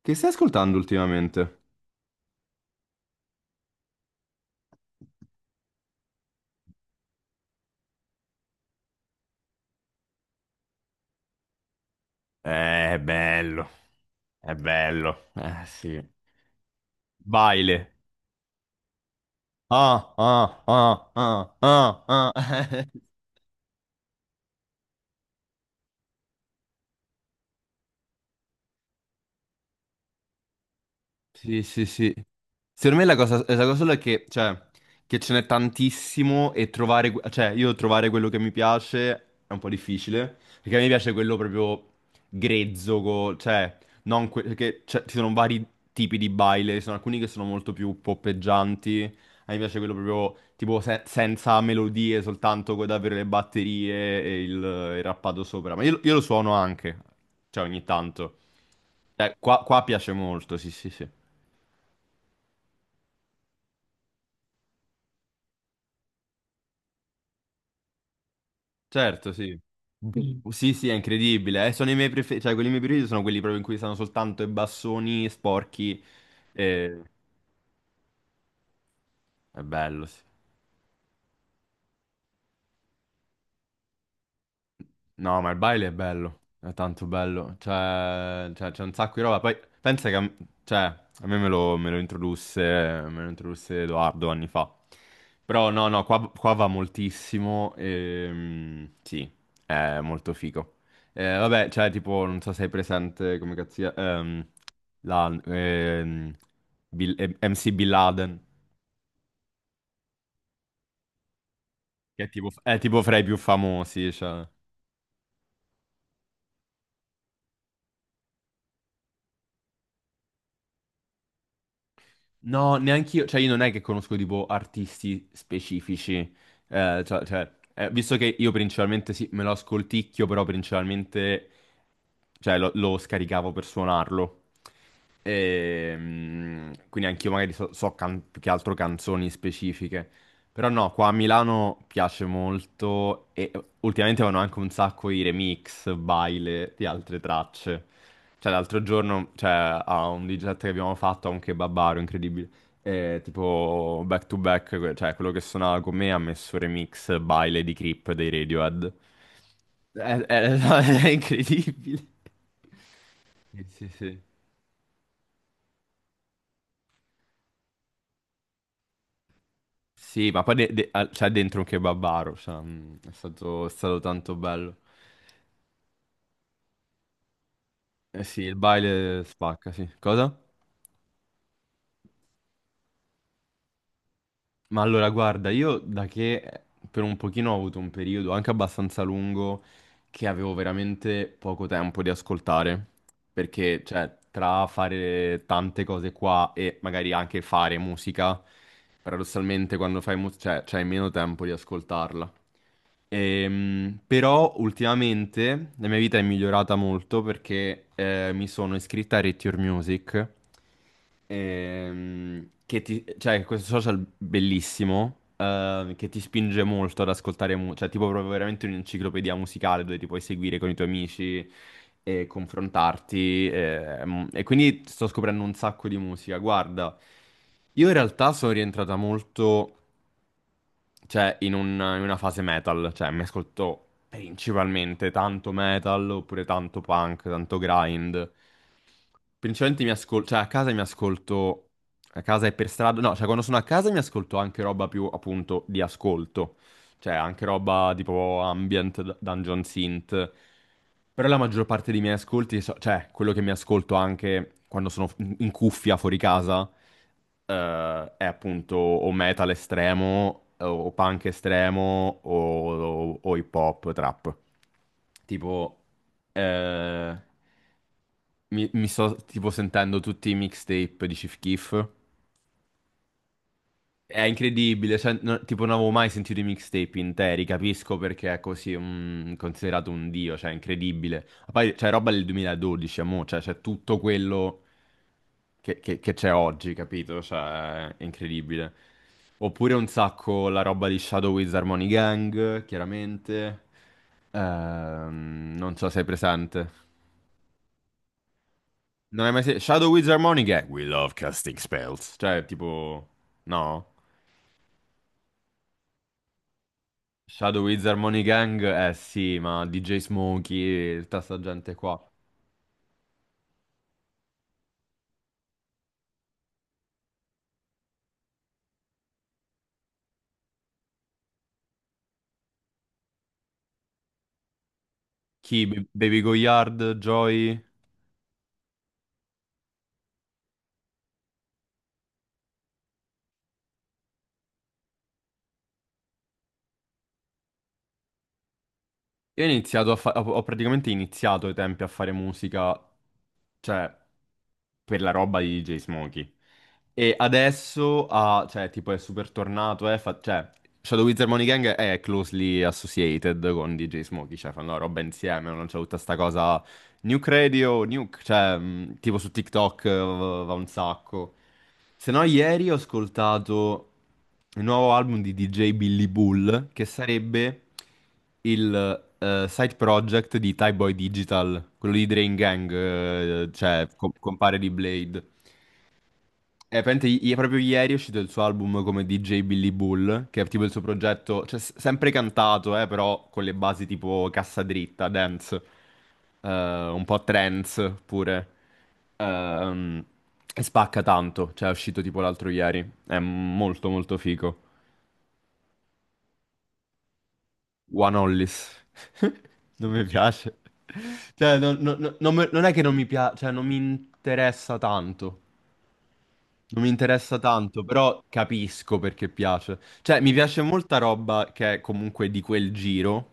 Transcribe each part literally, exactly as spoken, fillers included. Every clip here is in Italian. Che stai ascoltando ultimamente? Eh, è bello, è bello, eh sì. Baile. Ah, ah, ah, ah, ah, ah. Sì, sì, sì. Secondo me la cosa, la cosa sola è che, cioè, che ce n'è tantissimo e trovare, que- cioè, io trovare quello che mi piace è un po' difficile, perché a me piace quello proprio grezzo, co- cioè, non que- perché cioè, ci sono vari tipi di baile, ci sono alcuni che sono molto più poppeggianti, a me piace quello proprio, tipo, se- senza melodie, soltanto con davvero le batterie e il, il rappato sopra, ma io, io lo suono anche, cioè, ogni tanto. Cioè, qua, qua piace molto, sì, sì, sì. Certo, sì. Sì, sì, è incredibile. eh, Sono i miei preferiti, cioè quelli miei preferiti sono quelli proprio in cui stanno soltanto i bassoni sporchi. E... È bello, sì. No, ma il baile è bello, è tanto bello, cioè, cioè, c'è un sacco di roba, poi pensa che, a m- cioè, a me me lo, me lo introdusse, me lo introdusse Edoardo anni fa, però no, no, qua, qua va moltissimo, e, sì, è molto figo. Eh, vabbè, cioè, tipo, non so se hai presente, come cazzia, ehm, la, ehm, Bill- eh, M C Bin Laden, che è tipo, è tipo fra i più famosi, cioè. No, neanche io, cioè io non è che conosco tipo artisti specifici, eh, cioè, cioè, eh, visto che io principalmente sì, me lo ascolticchio, però principalmente cioè, lo, lo scaricavo per suonarlo. Ehm, quindi anch'io magari so, so can- più che altro canzoni specifiche. Però no, qua a Milano piace molto e ultimamente vanno anche un sacco i remix, baile di altre tracce. Cioè l'altro giorno, cioè, a un D J set che abbiamo fatto, a un kebabaro incredibile, eh, tipo back to back, que- cioè quello che suonava con me ha messo remix baile di Creep dei Radiohead. È, è- è incredibile. Sì, sì, sì. Sì, ma poi de- de- al- c'è dentro un kebabaro, cioè, mm, è stato, è stato tanto bello. Eh sì, il baile spacca, sì. Cosa? Ma allora, guarda, io da che eh, per un pochino ho avuto un periodo anche abbastanza lungo che avevo veramente poco tempo di ascoltare, perché, cioè, tra fare tante cose qua e magari anche fare musica, paradossalmente quando fai musica, cioè, c'hai meno tempo di ascoltarla. Ehm, però ultimamente la mia vita è migliorata molto perché eh, mi sono iscritta a Rate Your Music. Ehm, che ti, cioè, questo social bellissimo, eh, che ti spinge molto ad ascoltare, mu- cioè, tipo proprio veramente un'enciclopedia musicale dove ti puoi seguire con i tuoi amici e confrontarti. ehm, e quindi sto scoprendo un sacco di musica. Guarda, io in realtà sono rientrata molto cioè, in, un- in una fase metal, cioè, mi ascolto principalmente tanto metal, oppure tanto punk, tanto grind. Principalmente mi ascolto, cioè, a casa mi ascolto, a casa e per strada, no, cioè, quando sono a casa mi ascolto anche roba più, appunto, di ascolto. Cioè, anche roba tipo ambient, d- dungeon synth, però la maggior parte dei miei ascolti, so- cioè quello che mi ascolto anche quando sono in in cuffia fuori casa, eh, è appunto o metal estremo, o punk estremo, o, o- o hip hop, trap. Tipo, eh, mi, mi sto tipo sentendo tutti i mixtape di Chief Keef, è incredibile, cioè, no- tipo non avevo mai sentito i mixtape interi, capisco perché è così mm, considerato un dio, cioè è incredibile. Ma poi c'è roba del duemiladodici, amore, cioè c'è tutto quello che che- che c'è oggi, capito? Cioè è incredibile. Oppure un sacco la roba di Shadow Wiz Harmony Gang, chiaramente. Ehm, non so se è presente. Non hai mai sentito Shadow Wiz Harmony Gang? We love casting spells. Cioè, tipo. No? Shadow Wizard Harmony Gang, eh sì, ma D J Smokey, tutta sta gente qua. Chi? Ba- Baby Goyard, Joy? Io ho iniziato a fa- ho ho praticamente iniziato ai tempi a fare musica, cioè, per la roba di D J Smokey. E adesso ha, cioè, tipo è super tornato, eh, fa- cioè, Shadow Wizard Money Gang è closely associated con D J Smokey, cioè fanno la roba insieme, non c'è tutta sta cosa Nuke Radio, Nuke, cioè, mh, tipo su TikTok eh, va un sacco. Se no, ieri ho ascoltato il nuovo album di D J Billy Bull, che sarebbe il eh, side project di Tyboy Digital, quello di Drain Gang, eh, cioè, co- compare di Blade. Eh, praticamente i- proprio ieri è uscito il suo album come D J Billy Bull, che è tipo il suo progetto, cioè s- sempre cantato, eh, però con le basi tipo cassa dritta, dance, eh, un po' trance pure. Ehm, e spacca tanto, cioè è uscito tipo l'altro ieri. È molto molto figo. One Hollis. Non mi piace. Cioè, non, non- non- non me- non è che non mi piace, cioè non mi interessa tanto. Non mi interessa tanto, però capisco perché piace. Cioè, mi piace molta roba che è comunque di quel giro.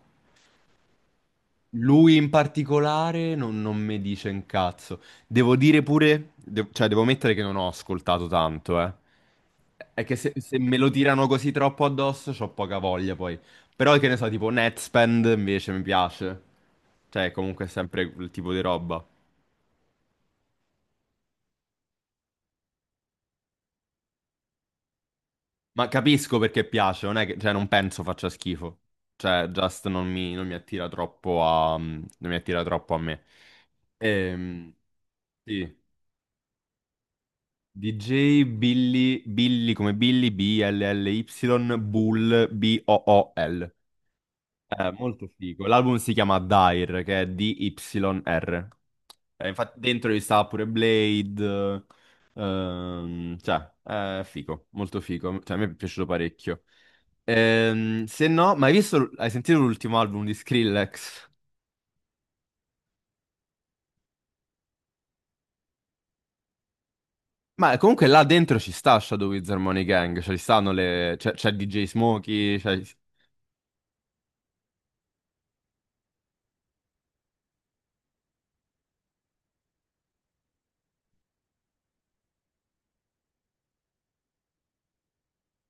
Lui in particolare non, non mi dice un cazzo. Devo dire pure, de- cioè, devo mettere che non ho ascoltato tanto, eh. È che se, se me lo tirano così troppo addosso, c'ho poca voglia poi. Però che ne so, tipo Netspend invece mi piace. Cioè, comunque è sempre quel tipo di roba. Ma capisco perché piace, non è che, cioè, non penso faccia schifo. Cioè, Just non mi, non mi attira troppo a, mm, non mi attira troppo a me. Ehm, sì. D J Billy, Billy come Billy, B L L Y, Bull, B O O L. È molto figo. L'album si chiama Dire, che è D Y R. Eh, infatti dentro ci sta pure Blade, ehm, cioè, è figo, molto figo. Cioè, a me è piaciuto parecchio. Ehm, se no, ma hai visto, hai sentito l'ultimo album di Skrillex? Ma comunque là dentro ci sta Shadow Wizard Harmony Gang, cioè ci stanno le... c'è c'è D J Smokey. c'è-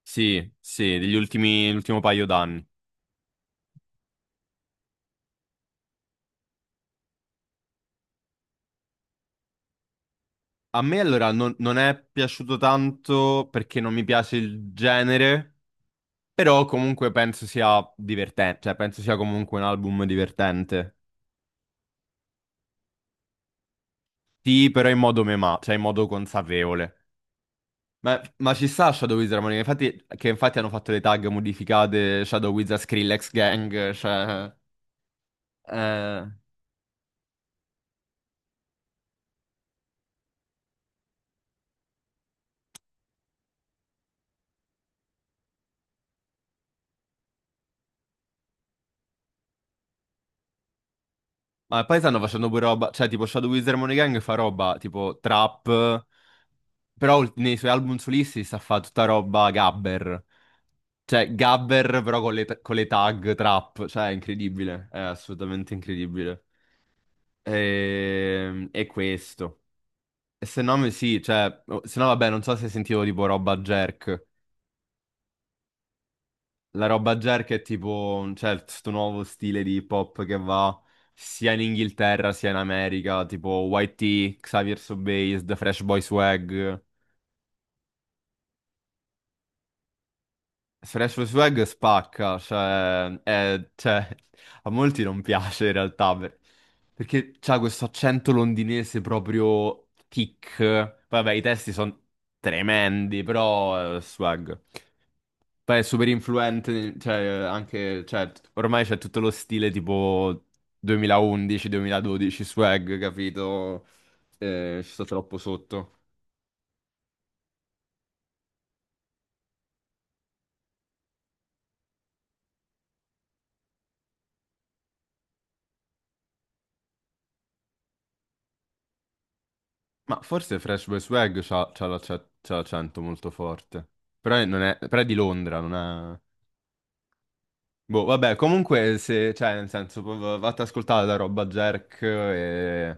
Sì, sì, degli ultimi, l'ultimo paio d'anni. A me allora non, non è piaciuto tanto perché non mi piace il genere, però comunque penso sia divertente, cioè penso sia comunque un album divertente. Sì, però in modo mema, cioè in modo consapevole. Ma, ma ci sta Shadow Wizard Monica, infatti, che infatti hanno fatto le tag modificate Shadow Wizard Skrillex Gang, cioè. eh, Ma poi stanno facendo pure roba, cioè tipo Shadow Wizard Monica Gang fa roba tipo trap, però ult- nei suoi album solisti sta a fa tutta roba gabber, cioè gabber però con le, con le tag trap, cioè è incredibile, è assolutamente incredibile. E, e questo. E se no, mi- sì, cioè, oh, se no vabbè, non so se sentivo tipo roba jerk. La roba jerk è tipo, cioè, questo nuovo stile di hip hop che va sia in Inghilterra sia in America, tipo Y T, Xavier Sobase, The Fresh Boy Swag. Fresh Boy Swag spacca, cioè, è- cioè, a molti non piace in realtà, per- perché c'ha questo accento londinese proprio tic. Vabbè, i testi sono tremendi, però eh, swag. Beh, è super influente, cioè, anche, cioè, ormai c'è tutto lo stile tipo duemilaundici-duemiladodici swag, capito? Eh, ci sto troppo sotto. Ma forse Fresh Boy Swag c'ha c'ha la- c'ha- c'ha l'accento molto forte. Però è, non è, però è di Londra, non è. Boh, vabbè, comunque, se, cioè, nel senso, v- v- vatti ad ascoltare la roba Jerk. e...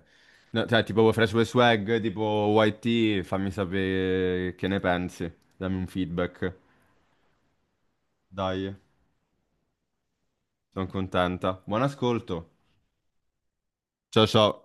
no, cioè, tipo Fresh Boy Swag, tipo Y T, fammi sapere che ne pensi, dammi un feedback. Dai. Sono contenta. Buon ascolto. Ciao ciao.